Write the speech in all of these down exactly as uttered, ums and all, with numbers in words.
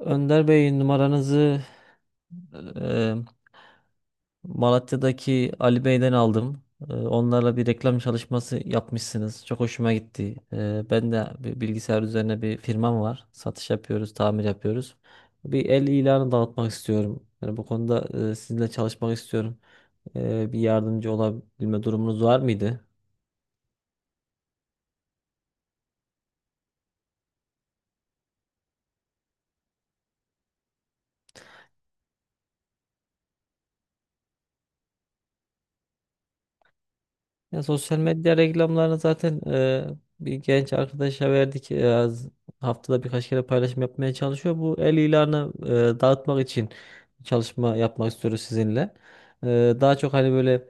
Önder Bey, numaranızı e, Malatya'daki Ali Bey'den aldım. E, onlarla bir reklam çalışması yapmışsınız. Çok hoşuma gitti. E, ben de bir bilgisayar üzerine bir firmam var. Satış yapıyoruz, tamir yapıyoruz. Bir el ilanı dağıtmak istiyorum. Yani bu konuda e, sizinle çalışmak istiyorum. E, bir yardımcı olabilme durumunuz var mıydı? Ya sosyal medya reklamlarını zaten e, bir genç arkadaşa verdik. E, az- haftada birkaç kere paylaşım yapmaya çalışıyor. Bu el ilanı e, dağıtmak için çalışma yapmak istiyoruz sizinle. E, Daha çok hani böyle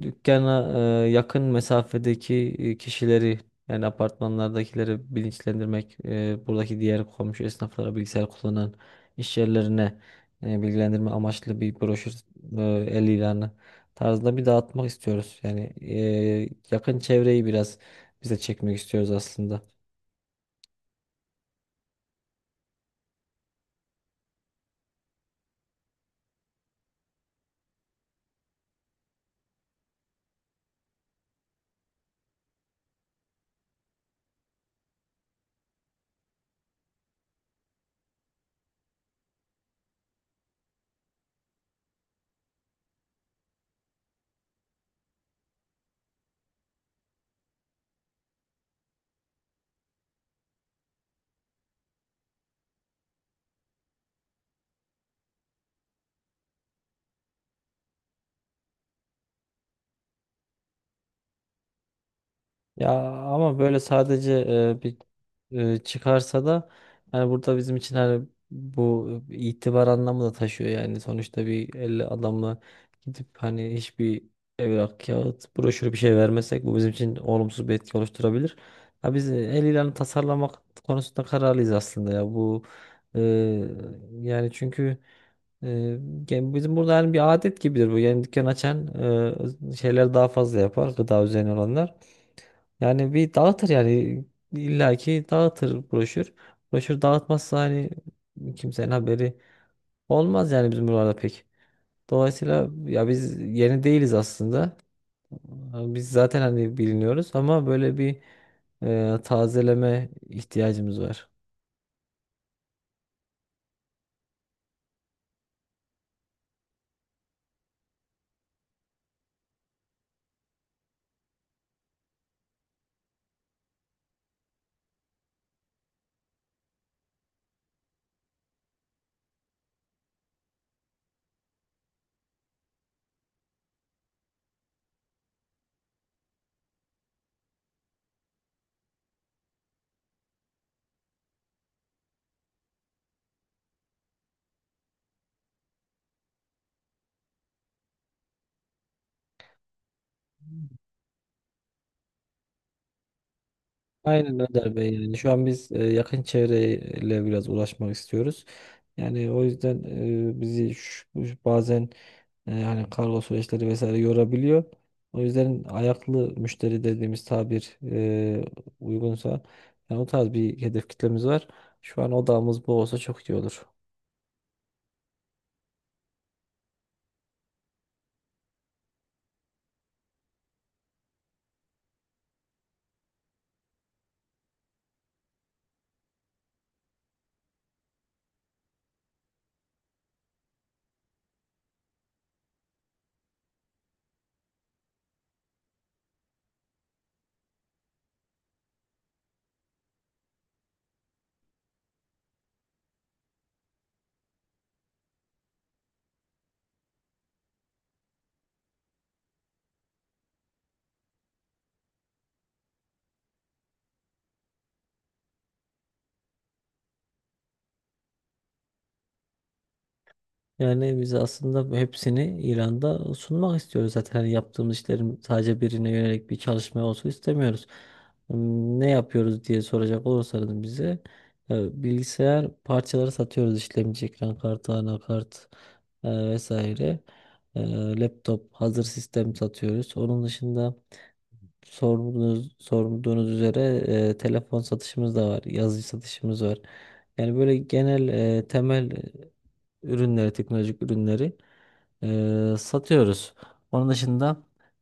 dükkana, e, yakın mesafedeki e, kişileri, yani apartmanlardakileri bilinçlendirmek, e, buradaki diğer komşu esnaflara, bilgisayar kullanan iş yerlerine e, bilgilendirme amaçlı bir broşür, e, el ilanı tarzında bir dağıtmak istiyoruz. Yani eee, yakın çevreyi biraz bize çekmek istiyoruz aslında. Ya ama böyle sadece eee, bir eee, çıkarsa da, hani burada bizim için hani bu itibar anlamı da taşıyor, yani sonuçta bir elli adamla gidip hani hiçbir evrak, kağıt, broşür bir şey vermesek bu bizim için olumsuz bir etki oluşturabilir. Ha biz el ilanı tasarlamak konusunda kararlıyız aslında ya, bu eee, yani çünkü Ee, yani bizim burada yani bir adet gibidir bu. Yani dükkan açan e, şeyler daha fazla yapar. Gıda üzerine olanlar. Yani bir dağıtır yani. İllaki dağıtır broşür. Broşür dağıtmazsa hani kimsenin haberi olmaz, yani bizim buralarda pek. Dolayısıyla ya biz yeni değiliz aslında. Biz zaten hani biliniyoruz ama böyle bir e, tazeleme ihtiyacımız var. Aynen Önder Bey, yani şu an biz e, yakın çevreyle biraz uğraşmak istiyoruz. Yani o yüzden e, bizi şu- şu bazen e, hani kargo süreçleri vesaire yorabiliyor. O yüzden ayaklı müşteri dediğimiz tabir, e, uygunsa yani o tarz bir hedef kitlemiz var. Şu an odağımız bu olsa çok iyi olur. Yani biz aslında hepsini İran'da sunmak istiyoruz zaten. Hani yaptığımız işlerin sadece birine yönelik bir çalışma olsun istemiyoruz. Hmm, Ne yapıyoruz diye soracak olursanız bize e, bilgisayar parçaları satıyoruz. İşlemci, ekran kartı, anakart, e, vesaire. E, Laptop, hazır sistem satıyoruz. Onun dışında sorduğunuz, sorduğunuz üzere e, telefon satışımız da var, yazıcı satışımız var. Yani böyle genel, e, temel e, ürünleri, teknolojik ürünleri e, satıyoruz. Onun dışında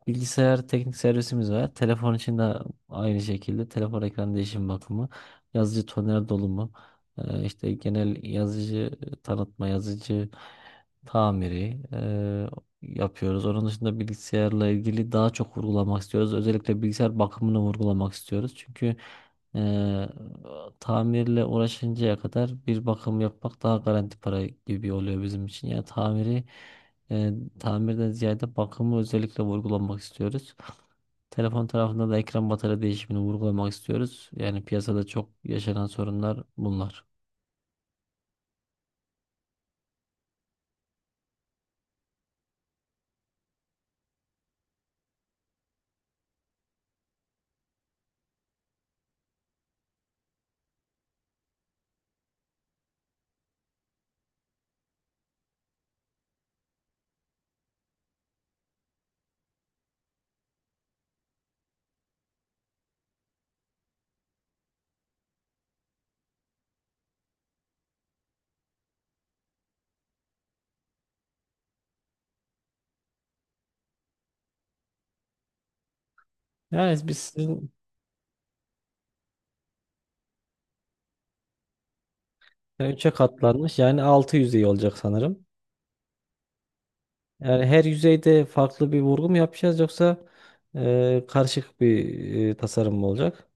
bilgisayar teknik servisimiz var. Telefon için de aynı şekilde telefon ekran değişim bakımı, yazıcı toner dolumu, e, işte genel yazıcı tanıtma, yazıcı tamiri yapıyoruz. Onun dışında bilgisayarla ilgili daha çok vurgulamak istiyoruz. Özellikle bilgisayar bakımını vurgulamak istiyoruz. Çünkü eee, tamirle uğraşıncaya kadar bir bakım yapmak daha garanti para gibi oluyor bizim için. Yani tamiri, eee, tamirden ziyade bakımı özellikle vurgulamak istiyoruz. Telefon tarafında da ekran batarya değişimini vurgulamak istiyoruz. Yani piyasada çok yaşanan sorunlar bunlar. Yani biz sizin üçe katlanmış, yani altı yüz iyi olacak sanırım. Yani her yüzeyde farklı bir vurgu mu yapacağız, yoksa e, karışık bir e, tasarım mı olacak?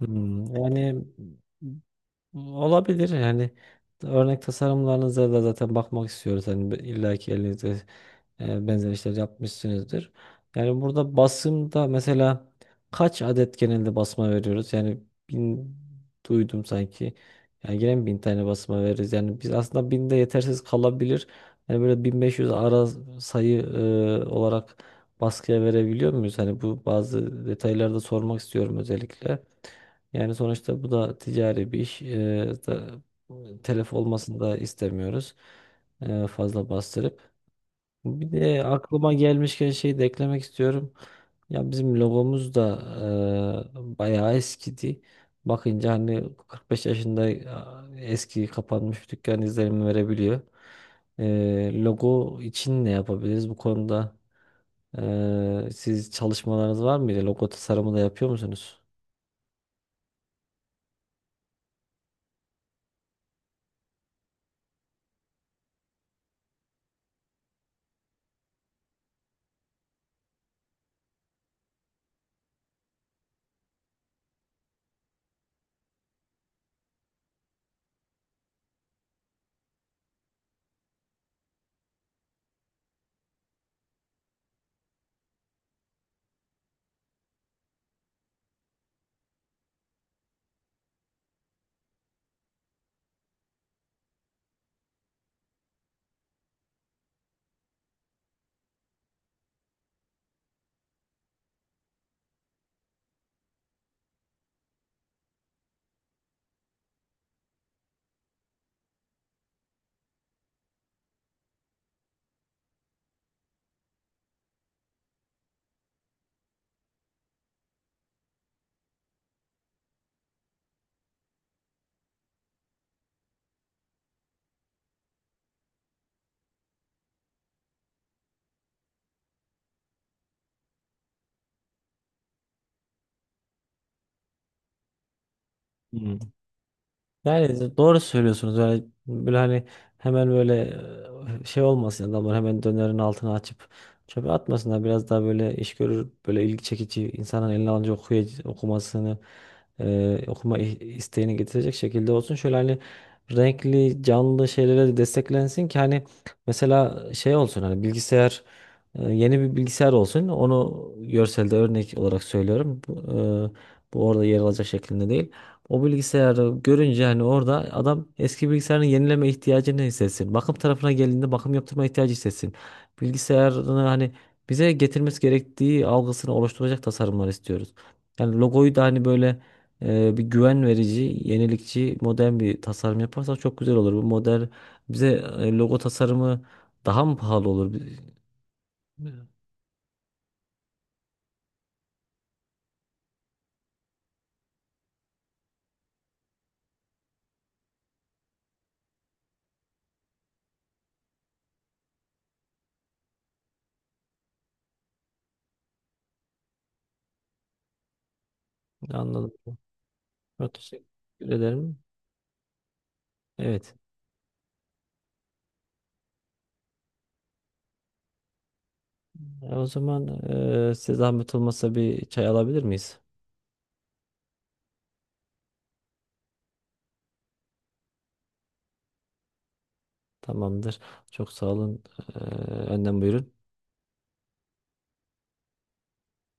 Hmm, yani olabilir, yani örnek tasarımlarınıza da zaten bakmak istiyoruz. Hani be- illaki elinizde e, benzer işler yapmışsınızdır. Yani burada basımda mesela kaç adet genelde basma veriyoruz? Yani bin duydum sanki. Yani gene mi bin tane basma veririz? Yani biz aslında binde yetersiz kalabilir. Yani böyle bin beş yüz ara sayı e, olarak baskıya verebiliyor muyuz? Hani bu bazı detaylarda sormak istiyorum özellikle. Yani sonuçta bu da ticari bir iş. Ee, da, telef olmasını da istemiyoruz. Ee, fazla bastırıp. Bir de aklıma gelmişken şey de eklemek istiyorum. Ya bizim logomuz da e, bayağı eskidi. Bakınca hani kırk beş yaşında, e, eski kapanmış bir dükkan izlenimi verebiliyor. E, logo için ne yapabiliriz bu konuda? E, siz çalışmalarınız var mıydı? Logo tasarımı da yapıyor musunuz? Yani doğru söylüyorsunuz. Yani böyle hani hemen böyle e, şey olmasın, yani adamlar hemen dönerin altına açıp çöpe atmasınlar. Biraz daha böyle iş görür, böyle ilgi çekici, insanın eline alınca okuya, okumasını, e, okuma i- isteğini getirecek şekilde olsun. Şöyle hani renkli, canlı şeylere de desteklensin ki hani mesela şey olsun, hani bilgisayar, e, yeni bir bilgisayar olsun. Onu görselde örnek olarak söylüyorum. Bu, e, bu orada yer alacak şeklinde değil. O bilgisayarı görünce hani orada adam eski bilgisayarını yenileme ihtiyacını hissetsin. Bakım tarafına geldiğinde bakım yaptırma ihtiyacı hissetsin. Bilgisayarını hani bize getirmesi gerektiği algısını oluşturacak tasarımlar istiyoruz. Yani logoyu da hani böyle, e, bir güven verici, yenilikçi, modern bir tasarım yaparsak çok güzel olur. Bu model bize e, logo tasarımı daha mı pahalı olur? Bi- Anladım. Çok teşekkür ederim. Evet. E, O zaman e, size zahmet olmasa bir çay alabilir miyiz? Tamamdır. Çok sağ olun. Ee, Önden buyurun.